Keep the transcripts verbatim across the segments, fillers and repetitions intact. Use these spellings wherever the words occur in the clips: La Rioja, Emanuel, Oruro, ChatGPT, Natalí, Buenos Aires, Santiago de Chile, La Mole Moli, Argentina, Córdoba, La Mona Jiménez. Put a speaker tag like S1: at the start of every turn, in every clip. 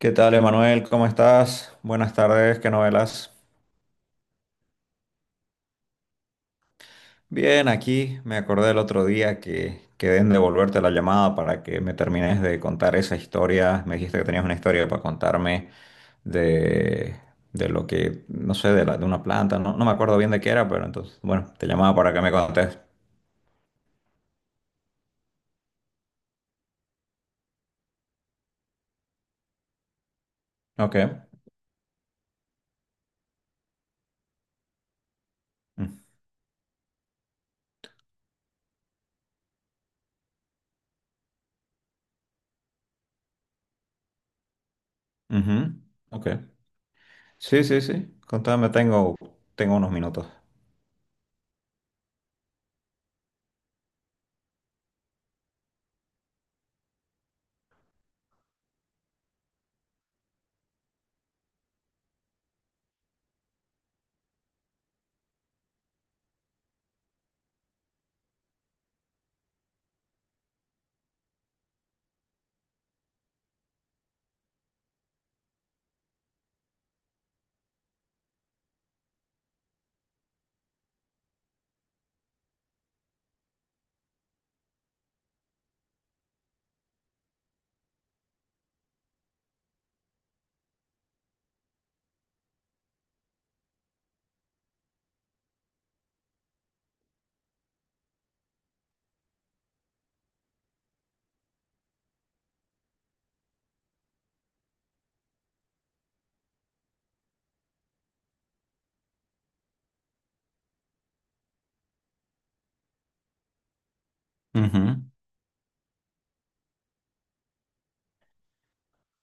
S1: ¿Qué tal, Emanuel? ¿Cómo estás? Buenas tardes, ¿qué novelas? Bien, aquí me acordé el otro día que quedé en devolverte la llamada para que me termines de contar esa historia. Me dijiste que tenías una historia para contarme de, de lo que, no sé, de, la- de una planta, no, no me acuerdo bien de qué era, pero entonces, bueno, te llamaba para que me contes. Ok. Mm, ujú, ok. Sí, sí, sí. Contame, tengo, tengo unos minutos.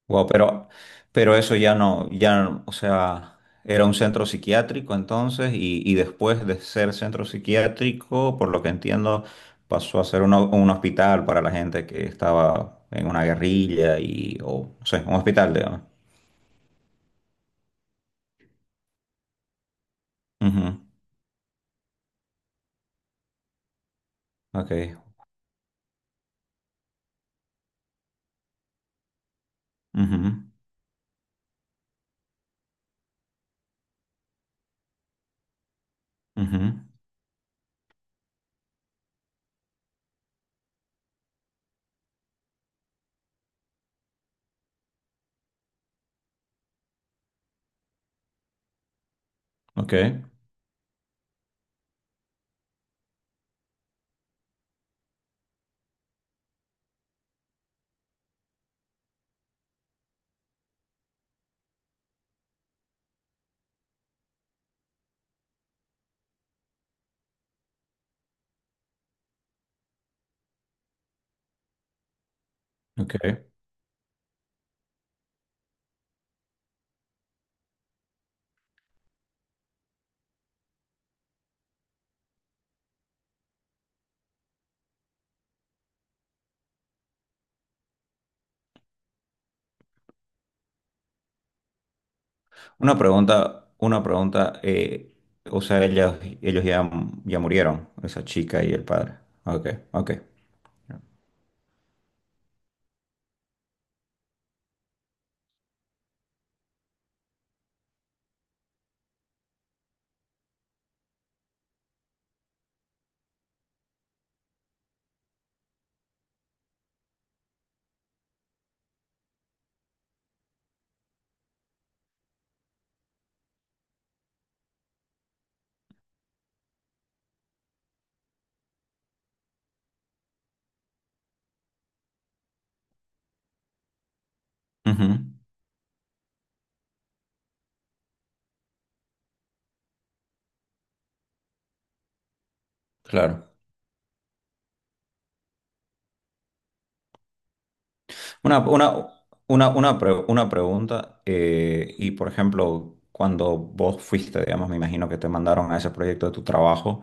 S1: Wow, pero, pero eso ya no, ya, no- o sea, era un centro psiquiátrico entonces y, y después de ser centro psiquiátrico, por lo que entiendo, pasó a ser una- un hospital para la gente que estaba en una guerrilla y, o, no sé, un hospital, digamos. Ujú, ok, ujú, ujú, ok, ok. Una pregunta, una pregunta, eh, o sea, ellos, ellos ya, ya murieron, esa chica y el padre. Ok, ok. Ujú, claro. Una, una, una, una, pre- una pregunta, eh, y por ejemplo, cuando vos fuiste, digamos, me imagino que te mandaron a ese proyecto de tu trabajo,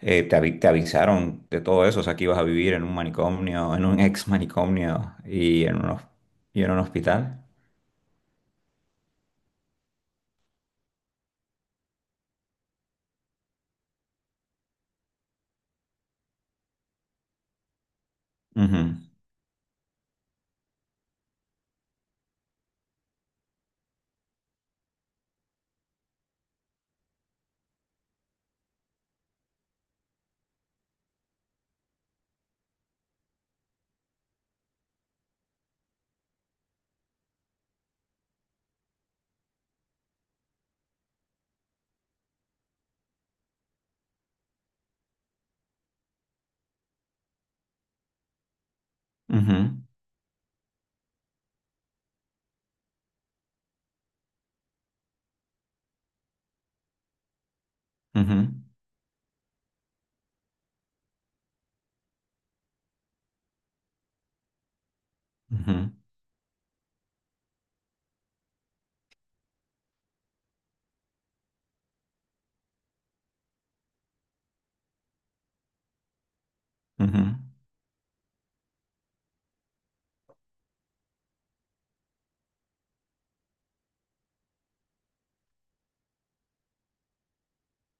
S1: eh, te, avi- te avisaron de todo eso, o sea, que ibas a vivir en un manicomio, en un ex manicomio y en un, hos- y en un hospital. Ujú, ujú, ujú, ujú, ujú.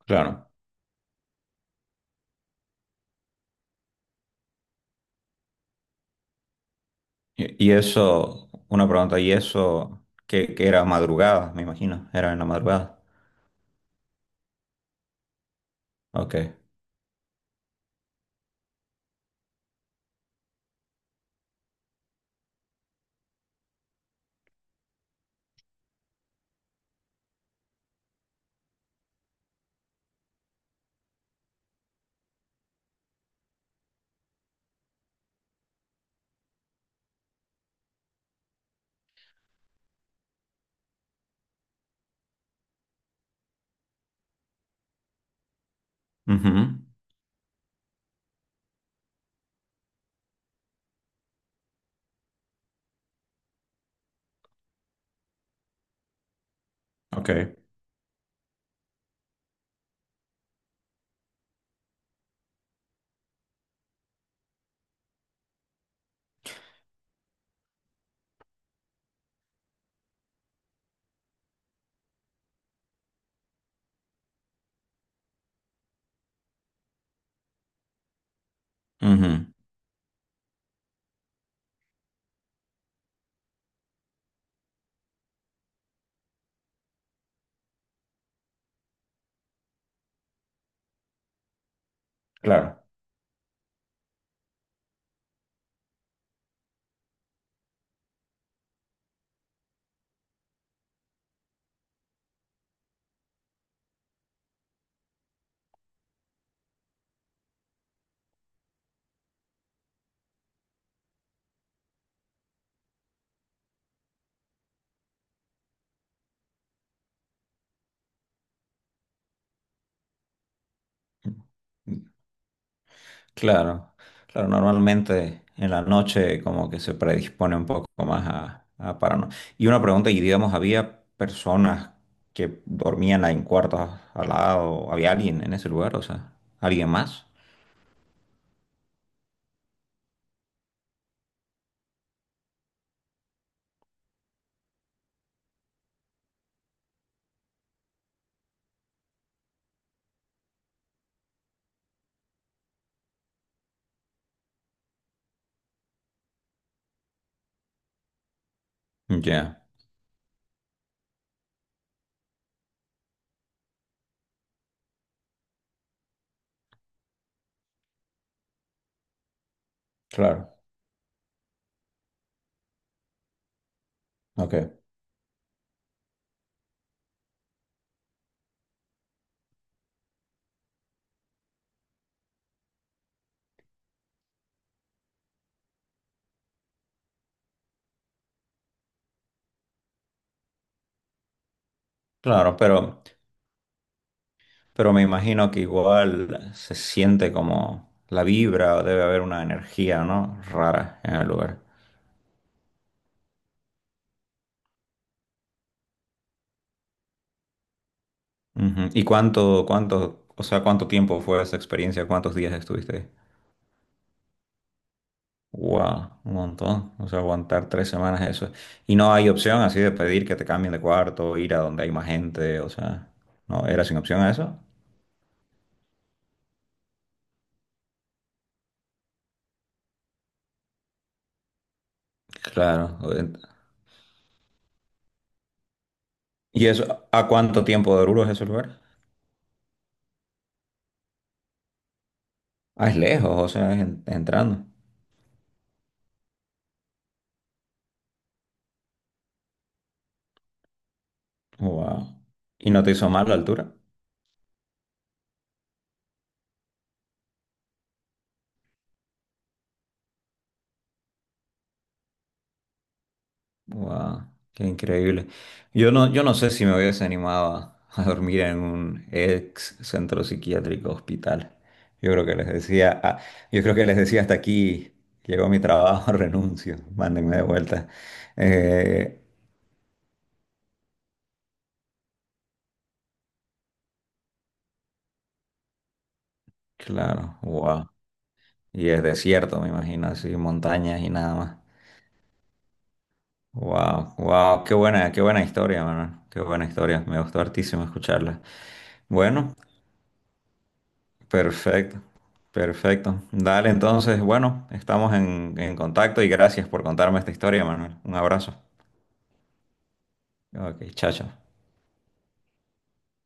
S1: Claro. Y, y eso, una pregunta, y eso, que, que era madrugada, me imagino, era en la madrugada. Ok. Ujú, ok. Ujú, claro, claro, claro. Normalmente en la noche como que se predispone un poco más a, a paranoia. Y una pregunta, y digamos, ¿había personas que dormían en cuartos al lado? ¿Había alguien en ese lugar? O sea, ¿alguien más? Ya, claro, ok. Claro, pero, pero me imagino que igual se siente como la vibra, o debe haber una energía, ¿no? Rara en el lugar. Ujú. ¿Y cuánto, cuánto, o sea, ¿cuánto tiempo fue esa experiencia? ¿Cuántos días estuviste ahí? Wow, un montón. O sea, aguantar tres semanas eso. Y no hay opción así de pedir que te cambien de cuarto, ir a donde hay más gente, o sea, ¿no? ¿Era sin opción a eso? Claro. ¿Y eso, a cuánto tiempo de Oruro es ese lugar? Ah, es lejos, o sea, es en- entrando. Wow. ¿Y no te hizo mal la altura? Wow, qué increíble. Yo no, yo no sé si me hubiese animado a, a dormir en un ex centro psiquiátrico hospital. Yo creo que les decía, ah, yo creo que les decía hasta aquí llegó mi trabajo, renuncio, mándenme de vuelta. Eh, claro, wow. Y es desierto, me imagino, así, montañas y nada más. Wow, wow, qué buena, qué buena historia, Manuel. Qué buena historia. Me gustó hartísimo escucharla. Bueno. Perfecto, perfecto. Dale, entonces, bueno, estamos en, en contacto y gracias por contarme esta historia, Manuel. Un abrazo. Ok, chao, chao.